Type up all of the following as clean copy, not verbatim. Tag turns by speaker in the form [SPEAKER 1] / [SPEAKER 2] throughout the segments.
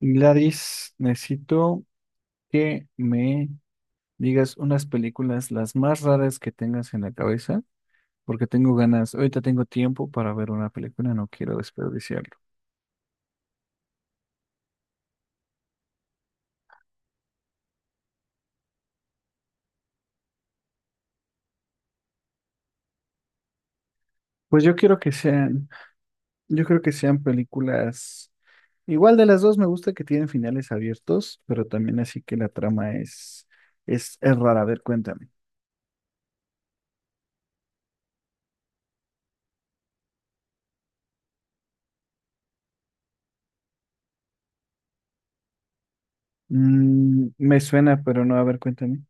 [SPEAKER 1] Gladys, necesito que me digas unas películas las más raras que tengas en la cabeza, porque tengo ganas, ahorita tengo tiempo para ver una película, no quiero desperdiciarlo. Pues yo quiero que sean, yo creo que sean películas, igual de las dos me gusta que tienen finales abiertos, pero también así que la trama es, es rara. A ver, cuéntame. Me suena, pero no, a ver, cuéntame.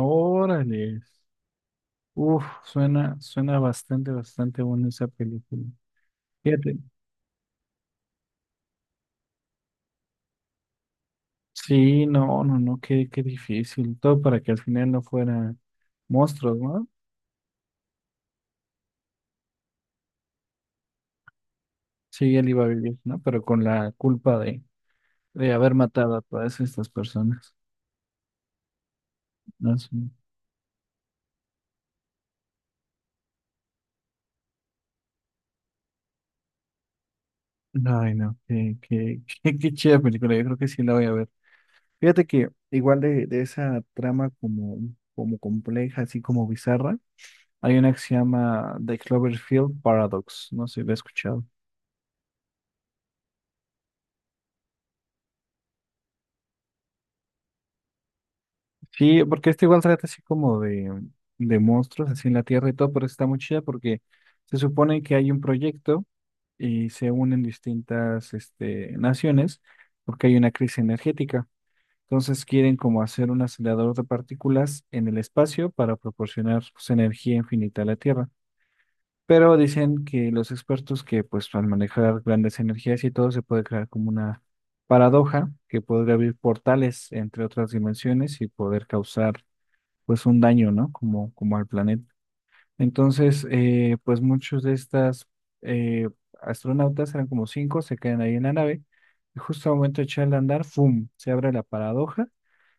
[SPEAKER 1] Órale. Uf, suena bastante, bastante buena esa película. Fíjate. Sí, no, no, no, qué difícil. Todo para que al final no fuera monstruos, ¿no? Sí, él iba a vivir, ¿no? Pero con la culpa de haber matado a todas estas personas. No sé. Ay, no, qué chida película. Yo creo que sí la voy a ver. Fíjate que igual de esa trama como compleja, así como bizarra, hay una que se llama The Cloverfield Paradox. No sé si la he escuchado. Sí, porque este igual trata así como de monstruos así en la Tierra y todo, pero está muy chida porque se supone que hay un proyecto y se unen distintas naciones porque hay una crisis energética. Entonces quieren como hacer un acelerador de partículas en el espacio para proporcionar pues, energía infinita a la Tierra. Pero dicen que los expertos que pues al manejar grandes energías y todo se puede crear como una paradoja que podría abrir portales entre otras dimensiones y poder causar pues un daño, ¿no? Como al planeta. Entonces, pues muchos de estas eh, astronautas, eran como cinco, se quedan ahí en la nave y justo al momento de echar a andar, ¡fum! Se abre la paradoja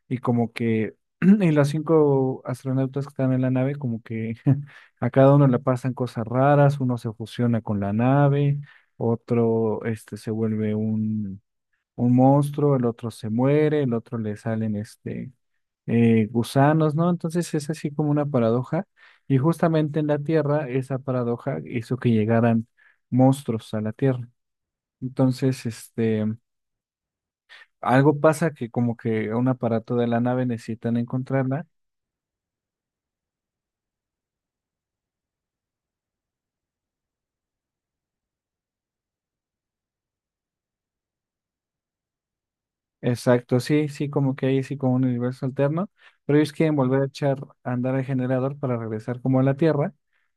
[SPEAKER 1] y como que, y los cinco astronautas que están en la nave, como que a cada uno le pasan cosas raras, uno se fusiona con la nave, otro se vuelve un monstruo, el otro se muere, el otro le salen gusanos, ¿no? Entonces es así como una paradoja. Y justamente en la Tierra, esa paradoja hizo que llegaran monstruos a la Tierra. Entonces, algo pasa que como que un aparato de la nave necesitan encontrarla. Exacto, sí, sí, como que ahí sí como un universo alterno, pero ellos quieren volver a echar a andar el generador para regresar como a la Tierra,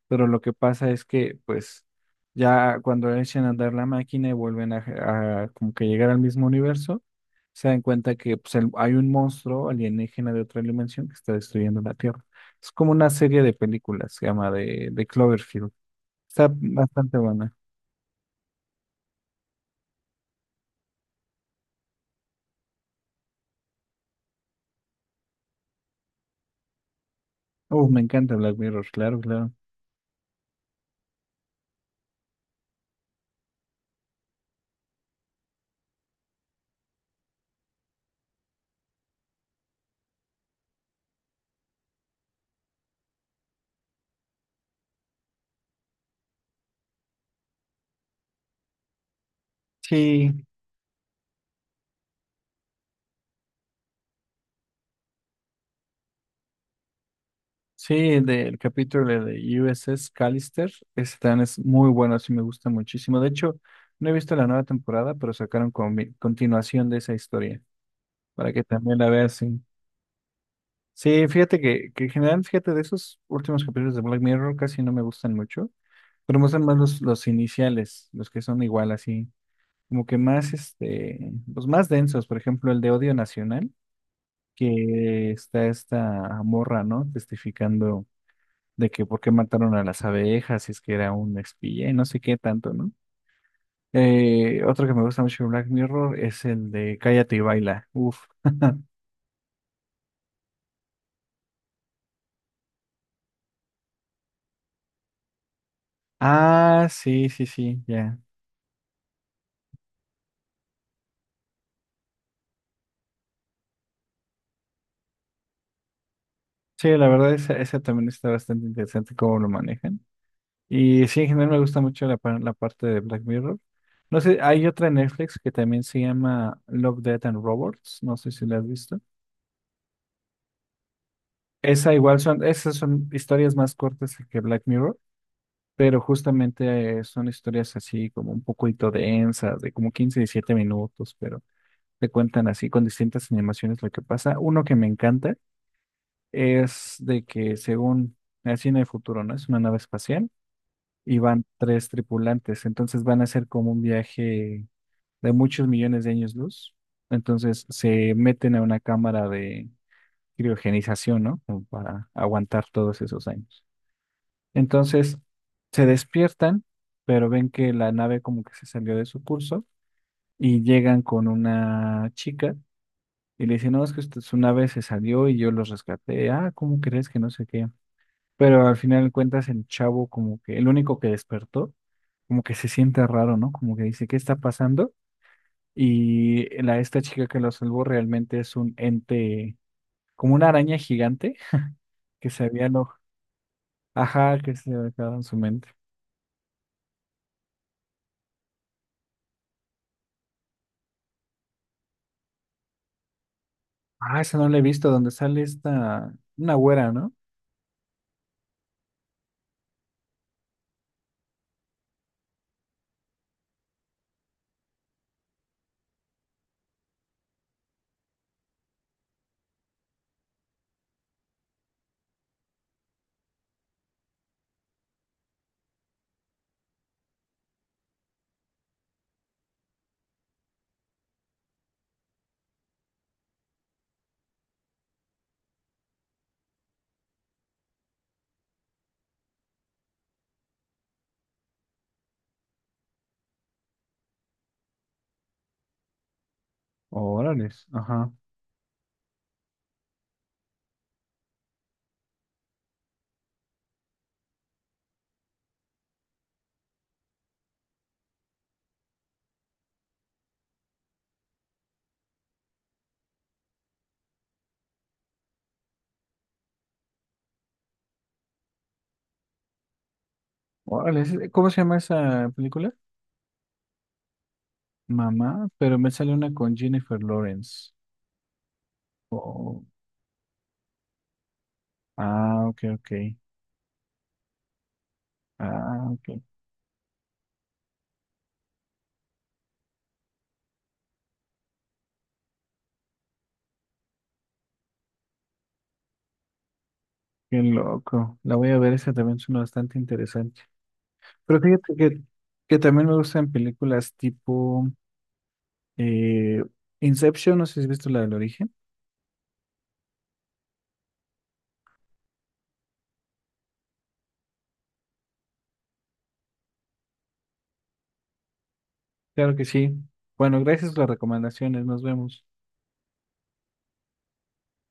[SPEAKER 1] pero lo que pasa es que pues ya cuando echan a andar la máquina y vuelven a como que llegar al mismo universo, se dan cuenta que pues, hay un monstruo alienígena de otra dimensión que está destruyendo la Tierra. Es como una serie de películas, se llama de Cloverfield. Está bastante buena. Me encanta Black Mirror, claro, claro. Sí, sí, del capítulo de USS Callister, ese también es muy bueno, sí me gusta muchísimo. De hecho, no he visto la nueva temporada, pero sacaron continuación de esa historia, para que también la veas. Sí, sí, fíjate que en general, fíjate, de esos últimos capítulos de Black Mirror casi no me gustan mucho, pero me gustan más los iniciales, los que son igual así, como que más, los más densos, por ejemplo, el de Odio Nacional, que está esta morra, ¿no? Testificando de que por qué mataron a las abejas, si es que era un espía y no sé qué tanto, ¿no? Otro que me gusta mucho de Black Mirror es el de Cállate y baila. Uf. Ah, sí, sí, sí, ya. Sí, la verdad, esa también está bastante interesante cómo lo manejan. Y sí, en general me gusta mucho la parte de Black Mirror. No sé, hay otra en Netflix que también se llama Love, Death and Robots. No sé si la has visto. Esas son historias más cortas que Black Mirror. Pero justamente son historias así como un poquito densas, de como 15, 17 minutos, pero te cuentan así con distintas animaciones lo que pasa. Uno que me encanta es de que según así en el futuro, ¿no? Es una nave espacial y van tres tripulantes, entonces van a hacer como un viaje de muchos millones de años luz. Entonces se meten a una cámara de criogenización, ¿no? Como para aguantar todos esos años. Entonces se despiertan, pero ven que la nave como que se salió de su curso y llegan con una chica y le dicen, no, es que su nave se salió y yo los rescaté. Ah, ¿cómo crees que no sé qué? Pero al final de cuentas el chavo como que, el único que despertó, como que se siente raro, ¿no? Como que dice, ¿qué está pasando? Esta chica que lo salvó realmente es un ente, como una araña gigante que se había lo, ajá, que se había quedado en su mente. Ah, esa no la he visto, donde sale una güera, ¿no? Órales, ajá. Órales, ¿cómo se llama esa película? Mamá, pero me sale una con Jennifer Lawrence. Oh, ah, ok, ok. Ah, ok. Qué loco. La voy a ver, esa también suena bastante interesante. Pero fíjate que también me gustan películas tipo eh, Inception, no sé si has visto la del origen. Claro que sí. Bueno, gracias por las recomendaciones, nos vemos.